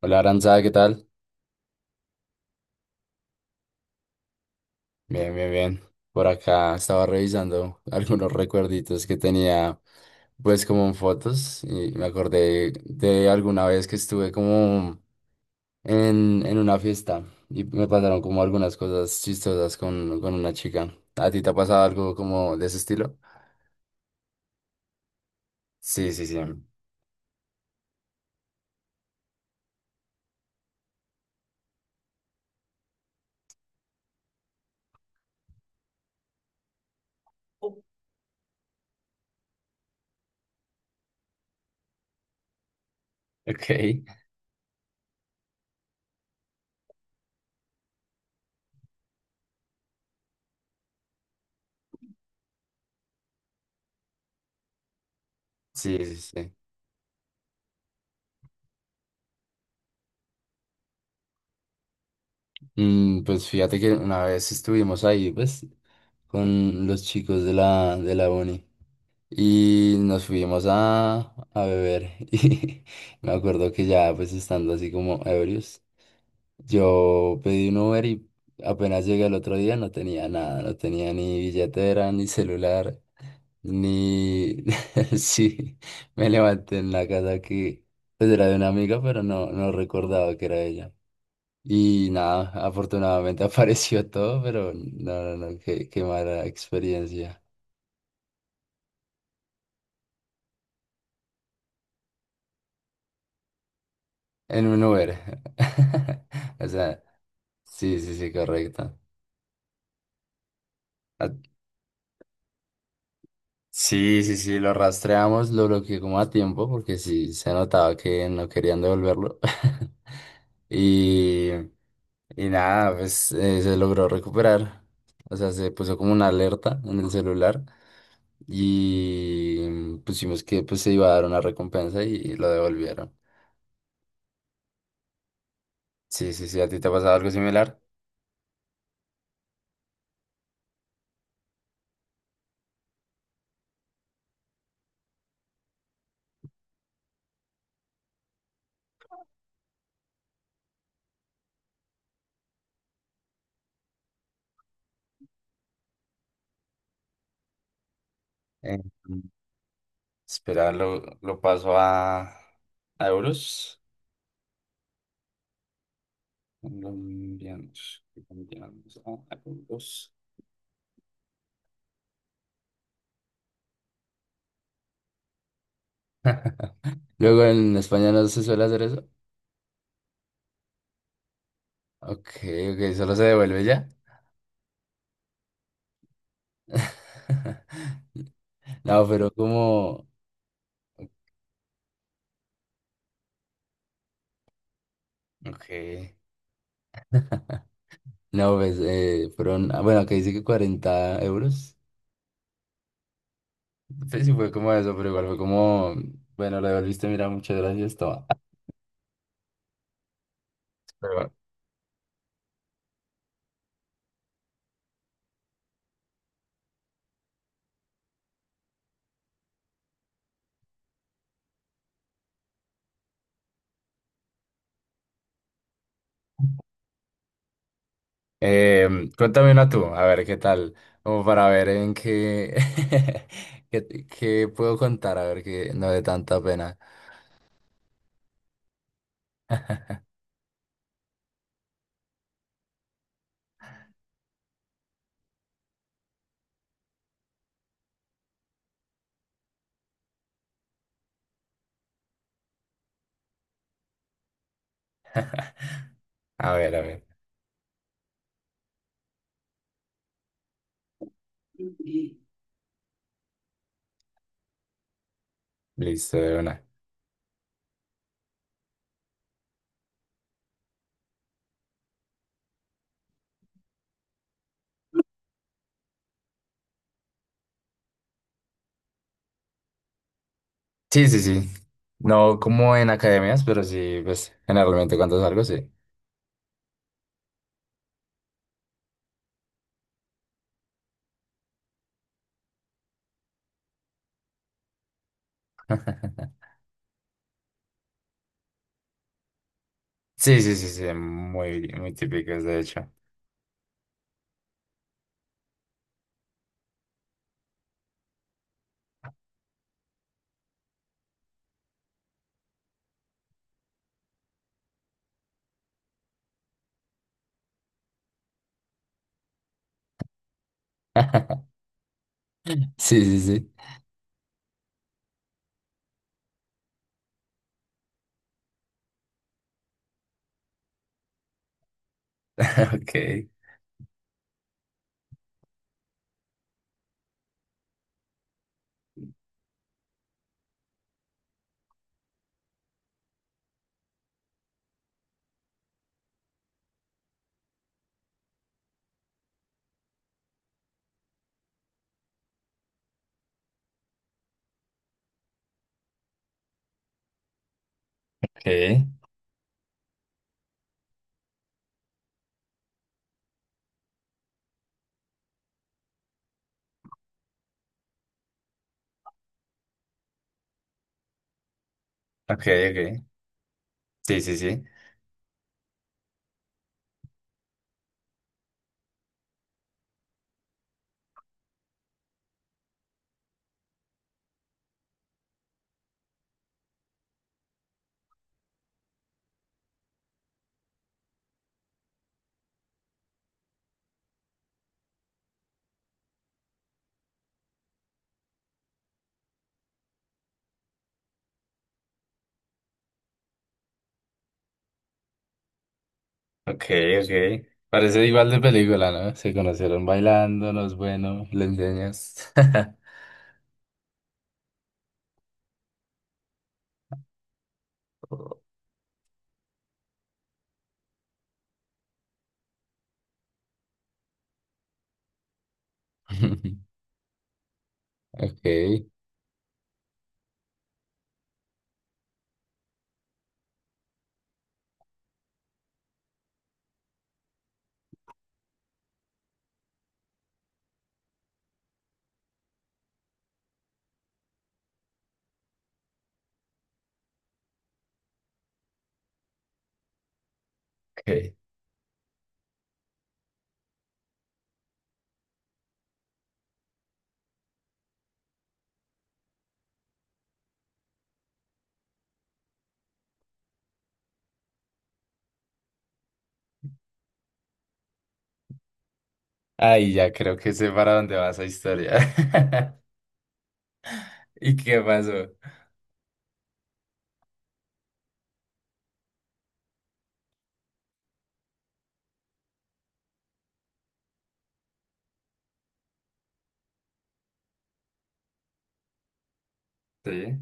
Hola Aranza, ¿qué tal? Bien, bien, bien. Por acá estaba revisando algunos recuerditos que tenía, pues como en fotos, y me acordé de alguna vez que estuve como en una fiesta y me pasaron como algunas cosas chistosas con una chica. ¿A ti te ha pasado algo como de ese estilo? Sí, sí, sí. Ok. Sí, sí, sí. Mm, pues fíjate que una vez estuvimos ahí, pues, con los chicos de la uni. Y nos fuimos a beber. Y me acuerdo que ya, pues estando así como ebrios, yo pedí un Uber y apenas llegué el otro día no tenía nada, no tenía ni billetera, ni celular, ni... Sí, me levanté en la casa que pues era de una amiga, pero no recordaba que era ella. Y nada, afortunadamente apareció todo, pero no, no, no, qué mala experiencia. En un Uber. O sea, sí, sí, sí, correcto. Ah, sí, sí, sí, lo rastreamos, lo bloqueé como a tiempo porque sí se notaba que no querían devolverlo. Y, y nada, pues se logró recuperar. O sea, se puso como una alerta en el celular y pusimos que pues se iba a dar una recompensa y lo devolvieron. Sí, sí, sí, ¿a ti te ha pasado algo similar? Eh, Espera, lo paso a euros. Colombianos, colombianos, a euros. Luego en España no se suele hacer eso. Ok, ok, solo se devuelve ya. No, pero como. Ok. No, pues fueron. Bueno, acá dice que 40 euros. Pues sí, fue como eso, pero igual fue como. Bueno, lo devolviste, mira, muchas gracias, toma. Pero cuéntame una tú, a ver qué tal, como para ver en qué, qué puedo contar, a ver que no dé tanta pena. A ver, listo, de una. Sí, sí, sí. No como en academias, pero sí, pues generalmente cuando salgo, sí. Sí, sí, sí, sí, muy, muy típicos, de hecho. Sí, sí, sí. Ok, ok, ok, ok. Sí, sí, sí. Ok, ok. Parece igual de película, ¿no? Se conocieron bailándonos, bueno, le enseñas. Ok, ok. Ay, ya creo que sé para dónde va esa historia. ¿Y qué pasó? Sí.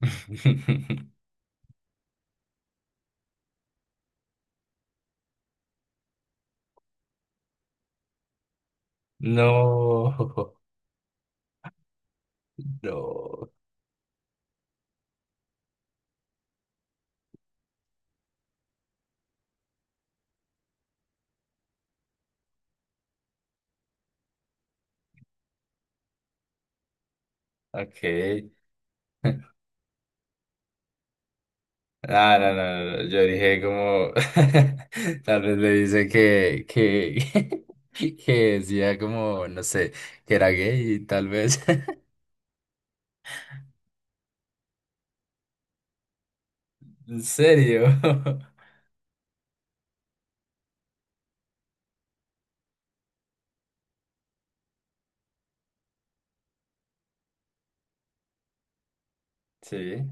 No, no. Ok. Ah, no, no, no, no. Yo dije como, tal vez le dice que, que decía como, no sé, que era gay, tal vez. ¿En serio? Sí.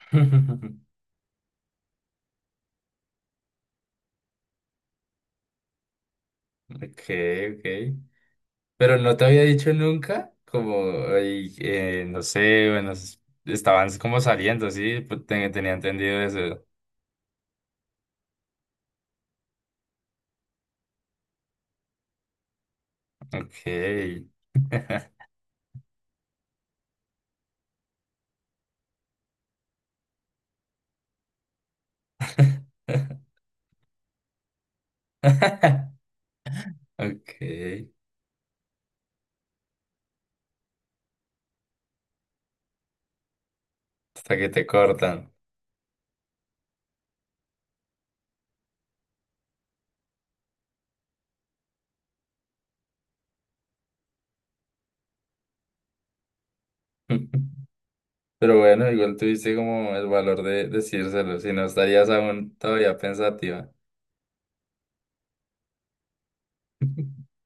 Ok, ok. Pero no te había dicho nunca, como, ay, no sé, bueno, estaban como saliendo, sí, pues tenía entendido eso. Ok, ok. Hasta que te cortan. Pero bueno, igual tuviste como el valor de decírselo, si no estarías aún todavía pensativa.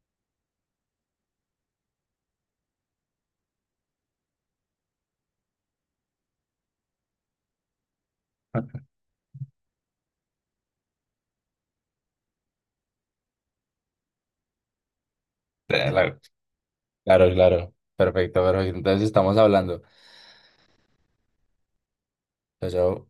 Claro, claro, claro. Perfecto, perfecto. Entonces estamos hablando. Chao, chao.